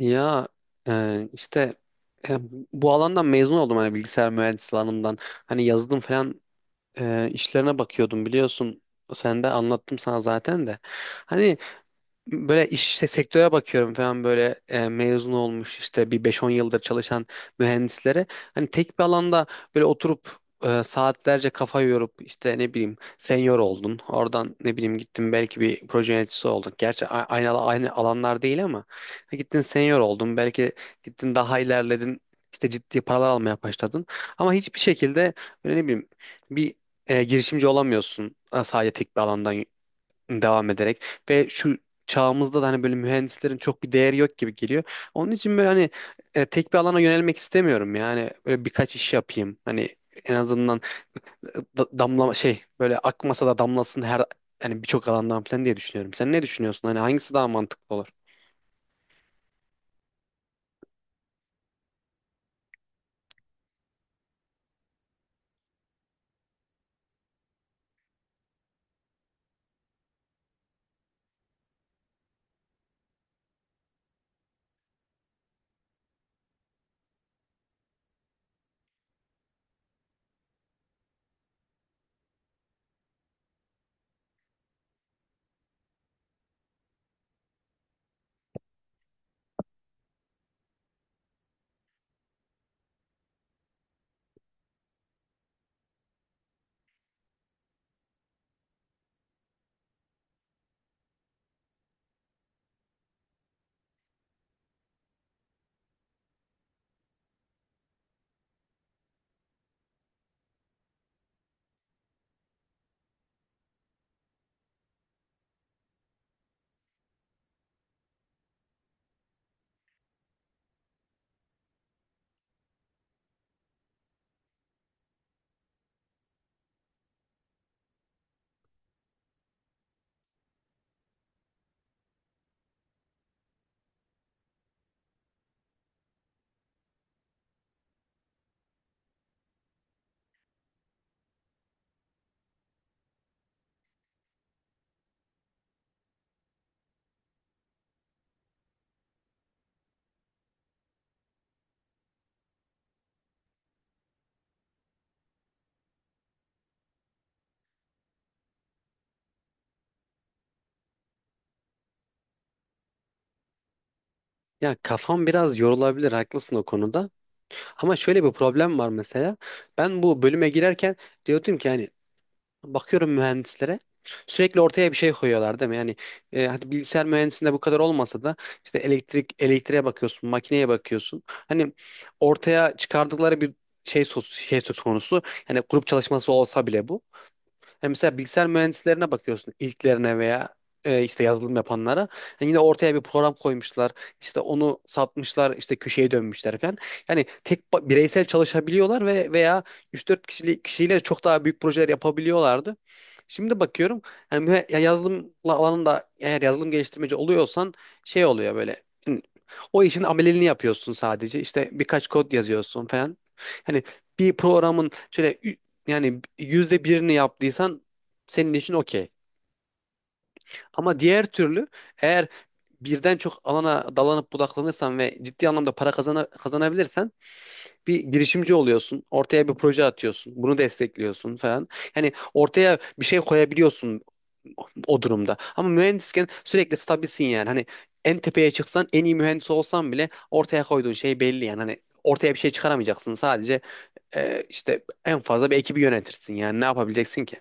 Ya e, işte e, bu alandan mezun oldum, hani bilgisayar mühendisliği alanından. Hani yazılım falan işlerine bakıyordum biliyorsun. Sen de anlattım sana zaten de. Hani böyle iş işte sektöre bakıyorum falan böyle mezun olmuş işte bir beş on yıldır çalışan mühendislere, hani tek bir alanda böyle oturup saatlerce kafa yorup işte ne bileyim senior oldun, oradan ne bileyim gittin belki bir proje yöneticisi oldun, gerçi aynı alanlar değil ama gittin senior oldun belki, gittin daha ilerledin, işte ciddi paralar almaya başladın ama hiçbir şekilde böyle ne bileyim bir girişimci olamıyorsun, sadece tek bir alandan devam ederek. Ve şu çağımızda da hani böyle mühendislerin çok bir değeri yok gibi geliyor. Onun için böyle hani tek bir alana yönelmek istemiyorum, yani böyle birkaç iş yapayım. Hani en azından damla şey, böyle akmasa da damlasın her, hani birçok alandan falan diye düşünüyorum. Sen ne düşünüyorsun? Hani hangisi daha mantıklı olur? Ya kafam biraz yorulabilir, haklısın o konuda. Ama şöyle bir problem var mesela. Ben bu bölüme girerken diyordum ki hani bakıyorum mühendislere sürekli ortaya bir şey koyuyorlar değil mi? Yani hadi bilgisayar mühendisinde bu kadar olmasa da işte elektrik, elektriğe bakıyorsun, makineye bakıyorsun. Hani ortaya çıkardıkları bir şey söz konusu. Yani grup çalışması olsa bile bu. Hani mesela bilgisayar mühendislerine bakıyorsun ilklerine veya işte yazılım yapanlara. Hani yine ortaya bir program koymuşlar, işte onu satmışlar, işte köşeye dönmüşler falan. Yani bireysel çalışabiliyorlar ve veya 3-4 kişiyle çok daha büyük projeler yapabiliyorlardı. Şimdi bakıyorum, yani ya yazılım alanında eğer yazılım geliştirmeci oluyorsan şey oluyor böyle. O işin ameliyatını yapıyorsun sadece. İşte birkaç kod yazıyorsun falan. Hani bir programın şöyle, yani yüzde birini yaptıysan senin için okey. Ama diğer türlü, eğer birden çok alana dalanıp budaklanırsan ve ciddi anlamda kazanabilirsen bir girişimci oluyorsun. Ortaya bir proje atıyorsun. Bunu destekliyorsun falan. Yani ortaya bir şey koyabiliyorsun o durumda. Ama mühendisken sürekli stabilsin yani. Hani en tepeye çıksan, en iyi mühendis olsan bile ortaya koyduğun şey belli yani. Hani ortaya bir şey çıkaramayacaksın. Sadece işte en fazla bir ekibi yönetirsin yani. Ne yapabileceksin ki?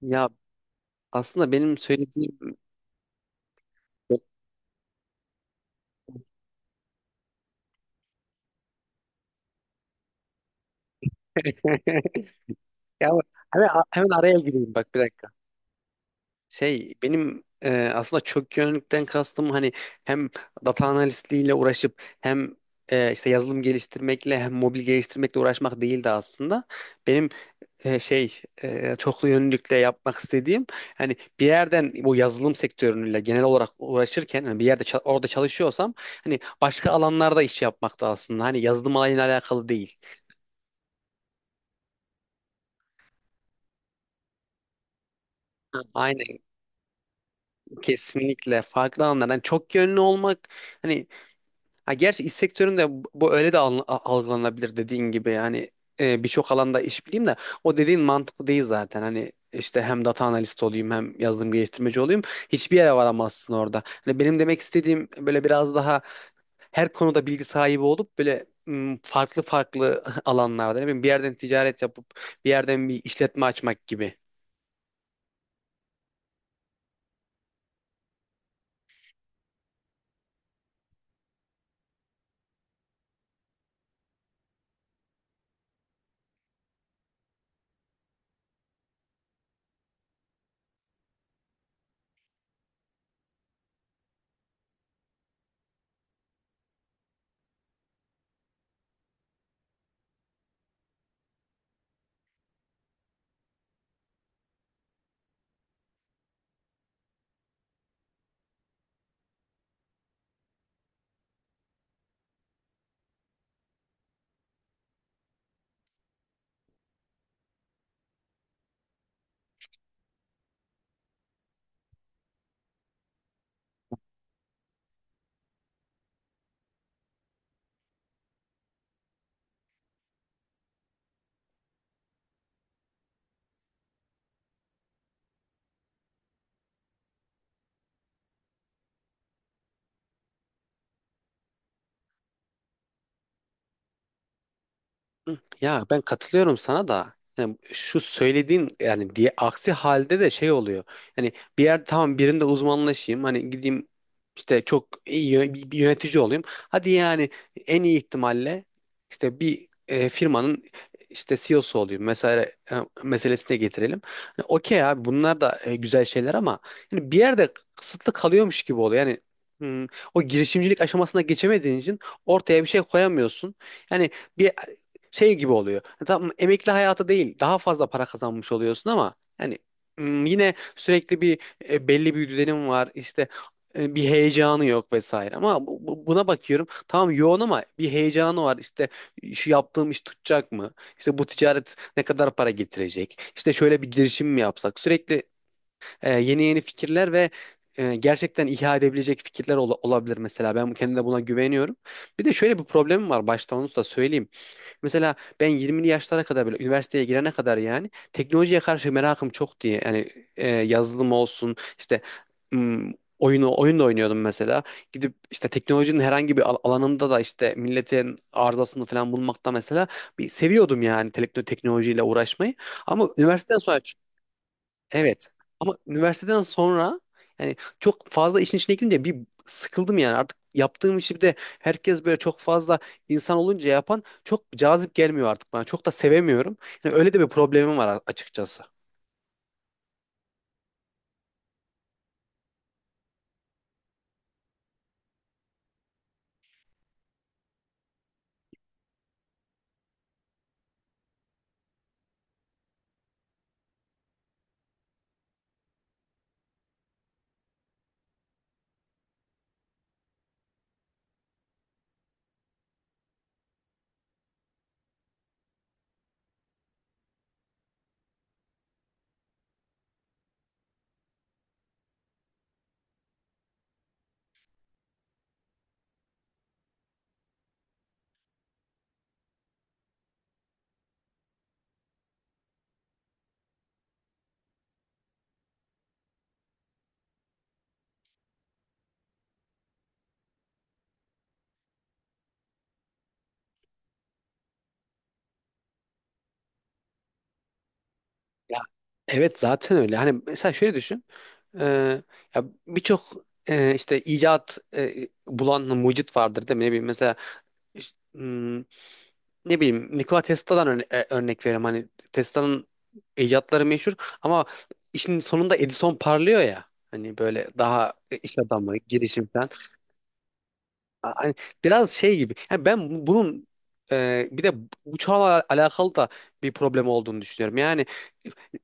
Ya aslında benim söylediğim ya hemen araya gireyim, bak bir dakika. Şey, benim aslında çok yönlükten kastım, hani hem data analistliğiyle uğraşıp hem işte yazılım geliştirmekle hem mobil geliştirmekle uğraşmak değildi aslında. Benim çoklu yönlülükle yapmak istediğim, hani bir yerden bu yazılım sektörüyle genel olarak uğraşırken, hani bir yerde orada çalışıyorsam hani başka alanlarda iş yapmakta aslında. Hani yazılım alanıyla alakalı değil. Ha, aynen. Kesinlikle farklı alanlardan çok yönlü olmak hani, ha gerçi iş sektöründe bu öyle de algılanabilir dediğin gibi, yani birçok alanda iş bileyim de, o dediğin mantıklı değil zaten, hani işte hem data analist olayım hem yazılım geliştirmeci olayım, hiçbir yere varamazsın orada. Hani benim demek istediğim böyle biraz daha her konuda bilgi sahibi olup böyle farklı farklı alanlarda ne bileyim bir yerden ticaret yapıp bir yerden bir işletme açmak gibi. Ya ben katılıyorum sana da, yani şu söylediğin yani diye, aksi halde de şey oluyor. Yani bir yer, tamam birinde uzmanlaşayım hani, gideyim işte çok iyi bir yönetici olayım. Hadi yani en iyi ihtimalle işte bir firmanın işte CEO'su olayım mesela, e, meselesine getirelim. Hani okey abi bunlar da güzel şeyler ama yani bir yerde kısıtlı kalıyormuş gibi oluyor. Yani hmm, o girişimcilik aşamasına geçemediğin için ortaya bir şey koyamıyorsun. Yani bir şey gibi oluyor. Tam emekli hayatı değil, daha fazla para kazanmış oluyorsun ama yani yine sürekli bir belli bir düzenim var. İşte bir heyecanı yok vesaire. Ama buna bakıyorum. Tamam yoğun ama bir heyecanı var. İşte şu yaptığım iş tutacak mı? İşte bu ticaret ne kadar para getirecek? İşte şöyle bir girişim mi yapsak? Sürekli yeni yeni fikirler ve gerçekten ihya edebilecek fikirler olabilir mesela. Ben kendime buna güveniyorum. Bir de şöyle bir problemim var, başta onu da söyleyeyim. Mesela ben 20'li yaşlara kadar, böyle üniversiteye girene kadar, yani teknolojiye karşı merakım çok diye, yani yazılım olsun, işte m, oyun da oynuyordum mesela. Gidip işte teknolojinin herhangi bir alanında da işte milletin arızasını falan bulmakta mesela, bir seviyordum yani teknolojiyle uğraşmayı. Ama üniversiteden sonra evet. Ama üniversiteden sonra yani çok fazla işin içine girince bir sıkıldım yani. Artık yaptığım işi, bir de herkes böyle çok fazla insan olunca yapan, çok cazip gelmiyor artık bana. Çok da sevemiyorum. Yani öyle de bir problemim var açıkçası. Ya evet, zaten öyle. Hani mesela şöyle düşün. Ee, ya birçok işte bulan mucit vardır değil mi? Ne bileyim mesela, ne bileyim Nikola Tesla'dan örnek vereyim. Hani Tesla'nın icatları meşhur ama işin sonunda Edison parlıyor ya. Hani böyle daha iş adamı, girişim... hani biraz şey gibi. Yani ben bunun bir de bu çağla alakalı da bir problem olduğunu düşünüyorum. Yani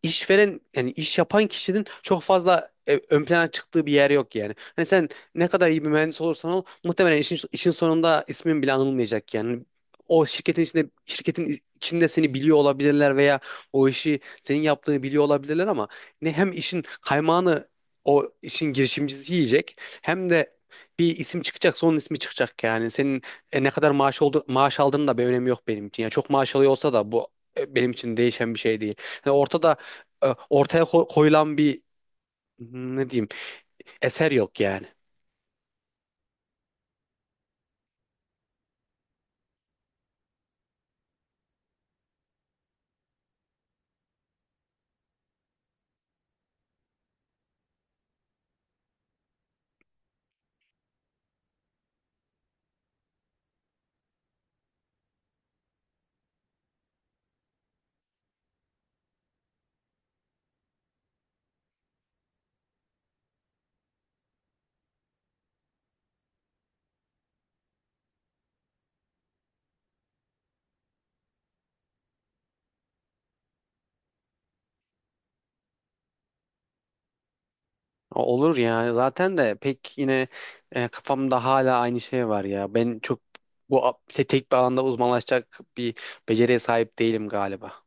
işveren, yani iş yapan kişinin çok fazla ön plana çıktığı bir yer yok yani. Hani sen ne kadar iyi bir mühendis olursan ol, muhtemelen işin sonunda ismin bile anılmayacak yani. O şirketin içinde seni biliyor olabilirler veya o işi senin yaptığını biliyor olabilirler ama ne, hem işin kaymağını o işin girişimcisi yiyecek hem de bir isim çıkacaksa onun ismi çıkacak yani. Senin ne kadar maaş oldu maaş aldığının da bir önemi yok benim için. Yani çok maaş alıyor olsa da bu benim için değişen bir şey değil. Yani ortada ortaya koyulan bir ne diyeyim, eser yok yani. Olur ya, zaten de pek yine kafamda hala aynı şey var ya. Ben çok bu tek bir alanda uzmanlaşacak bir beceriye sahip değilim galiba.